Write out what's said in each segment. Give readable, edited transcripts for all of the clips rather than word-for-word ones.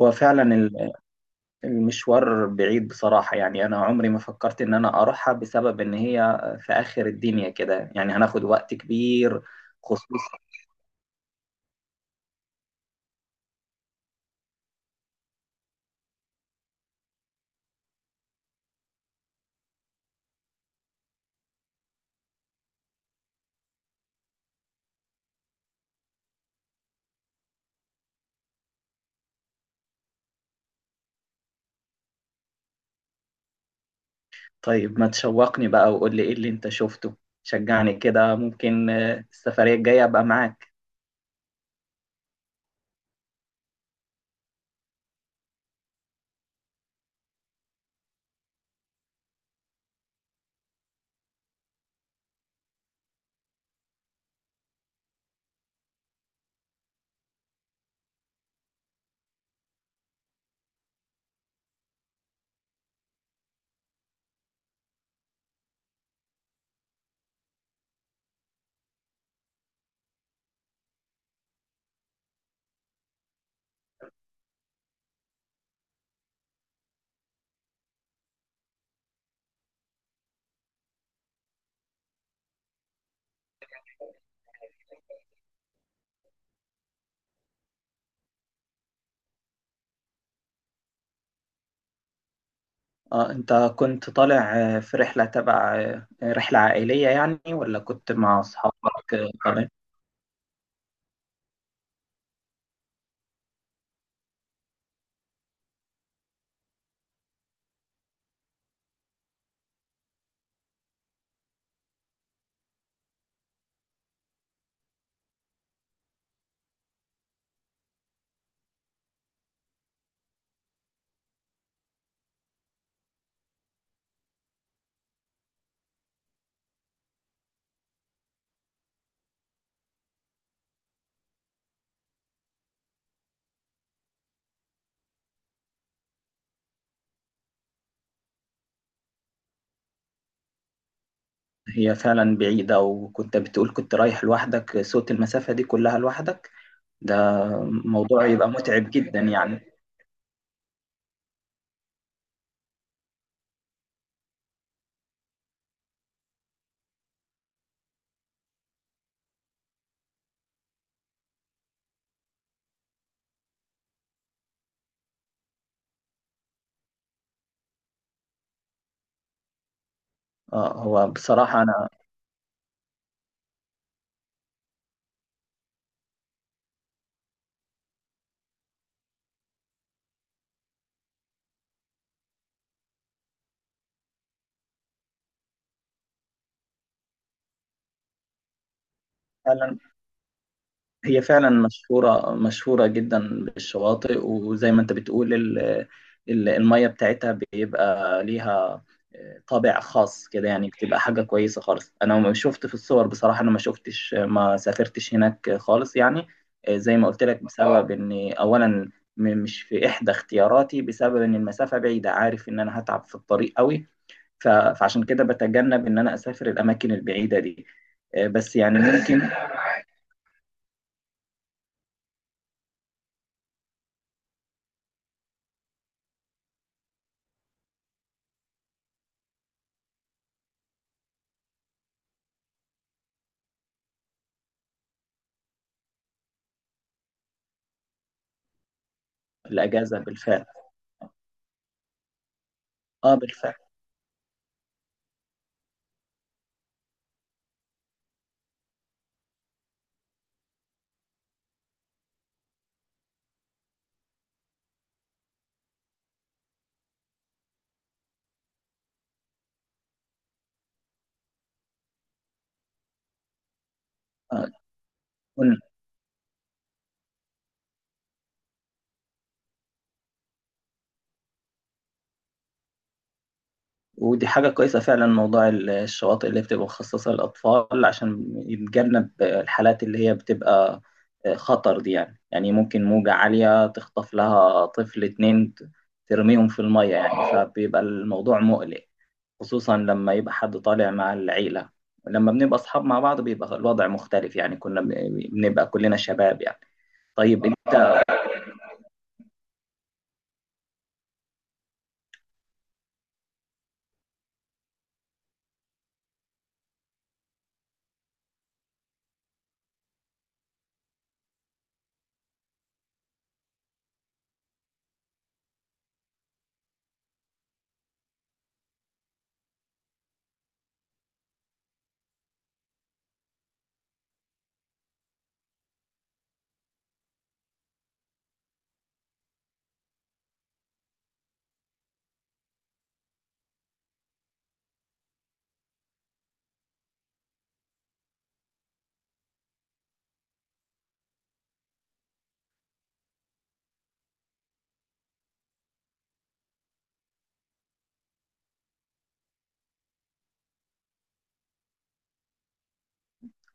هو فعلا المشوار بعيد بصراحة، يعني أنا عمري ما فكرت إن أنا أروحها بسبب إن هي في آخر الدنيا كده، يعني هناخد وقت كبير، خصوصا. طيب ما تشوقني بقى وقول لي إيه اللي أنت شفته، شجعني كده، ممكن السفرية الجاية أبقى معاك. أنت كنت طالع في رحلة تبع آه، رحلة عائلية يعني، ولا كنت مع أصحابك طالع؟ هي فعلا بعيدة، وكنت بتقول كنت رايح لوحدك، سوت المسافة دي كلها لوحدك، ده موضوع يبقى متعب جدا يعني. اه، هو بصراحة أنا فعلا. هي فعلا مشهورة مشهورة جدا بالشواطئ، وزي ما أنت بتقول المية بتاعتها بيبقى ليها طابع خاص كده يعني، بتبقى حاجة كويسة خالص، أنا ما شفت في الصور، بصراحة أنا ما شفتش ما سافرتش هناك خالص يعني. زي ما قلت لك بسبب إن أولا مش في إحدى اختياراتي، بسبب إن المسافة بعيدة، عارف إن أنا هتعب في الطريق قوي، فعشان كده بتجنب ان انا اسافر الاماكن البعيده دي. بس يعني ممكن. الاجازه بالفعل، اه، بالفعل. آه، ون- ودي حاجه كويسه فعلا، موضوع الشواطئ اللي بتبقى مخصصه للاطفال، عشان يتجنب الحالات اللي هي بتبقى خطر دي، يعني يعني ممكن موجه عاليه تخطف لها طفل اتنين، ترميهم في الميه يعني، فبيبقى الموضوع مقلق، خصوصا لما يبقى حد طالع مع العيلة. لما بنبقى أصحاب مع بعض بيبقى الوضع مختلف يعني، كنا بنبقى كلنا شباب يعني. طيب أنت.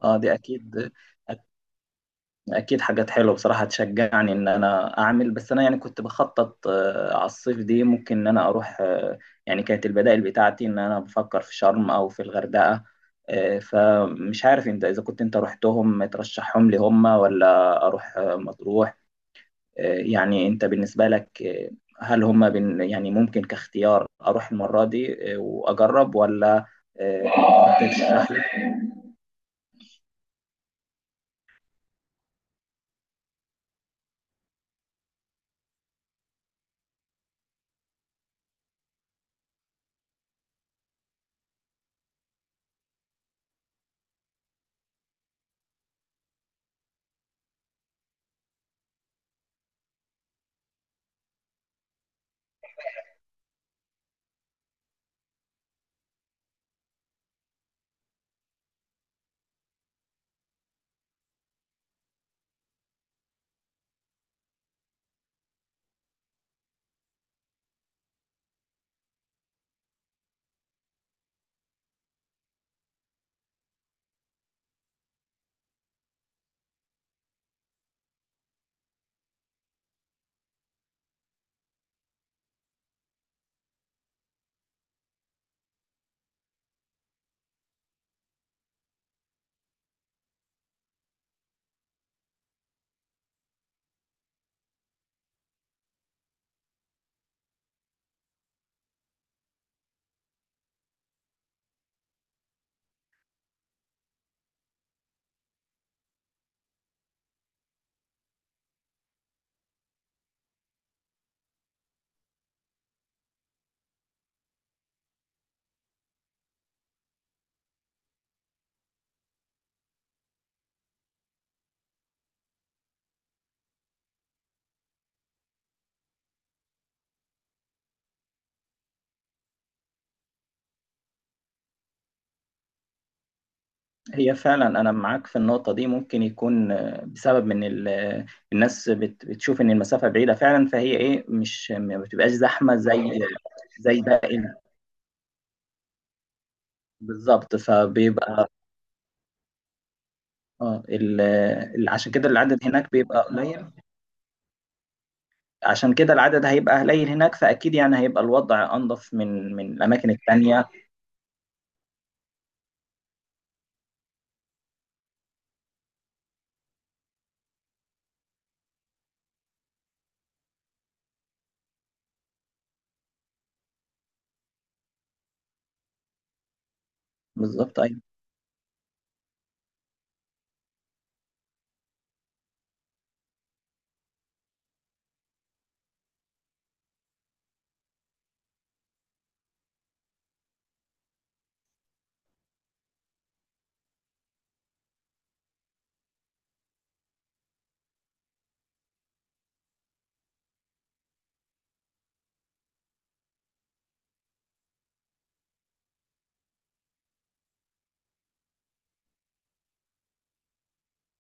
آه، دي أكيد. أكيد حاجات حلوة بصراحة، تشجعني إن أنا أعمل، بس أنا يعني كنت بخطط على الصيف دي، ممكن إن أنا أروح يعني كانت البدائل بتاعتي إن أنا بفكر في شرم أو في الغردقة. فمش عارف أنت إذا كنت أنت رحتهم ترشحهم لي هم، ولا أروح مطروح؟ يعني انت بالنسبه لك، هل هم يعني ممكن كاختيار اروح المره دي واجرب، ولا ترشح لي؟ هي فعلا انا معاك في النقطه دي، ممكن يكون بسبب من الناس بتشوف ان المسافه بعيده فعلا، فهي ايه، مش ما بتبقاش زحمه زي باقي بالظبط، فبيبقى اه ال- عشان كده العدد هناك بيبقى قليل. عشان كده العدد هيبقى قليل هناك، فاكيد يعني هيبقى الوضع انظف من الاماكن التانيه، بالظبط ايوه.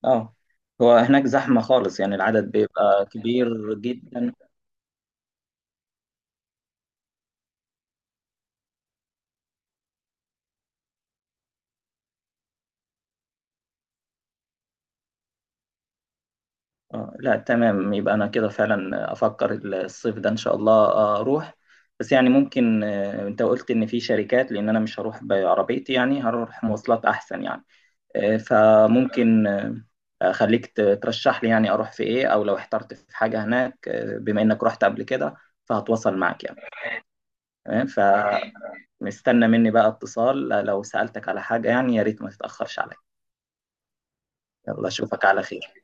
اه، هو هناك زحمة خالص يعني، العدد بيبقى كبير جدا. اه، لا، تمام. يبقى انا كده فعلا افكر الصيف ده ان شاء الله اروح، بس يعني ممكن انت قلت ان في شركات، لان انا مش هروح بعربيتي، يعني هروح مواصلات احسن يعني. فممكن اخليك ترشح لي يعني اروح في ايه، او لو احترت في حاجة هناك، بما انك رحت قبل كده فهتواصل معك يعني. تمام، ف مستنى مني بقى اتصال لو سألتك على حاجة يعني، يا ريت ما تتأخرش عليا. يلا أشوفك على خير.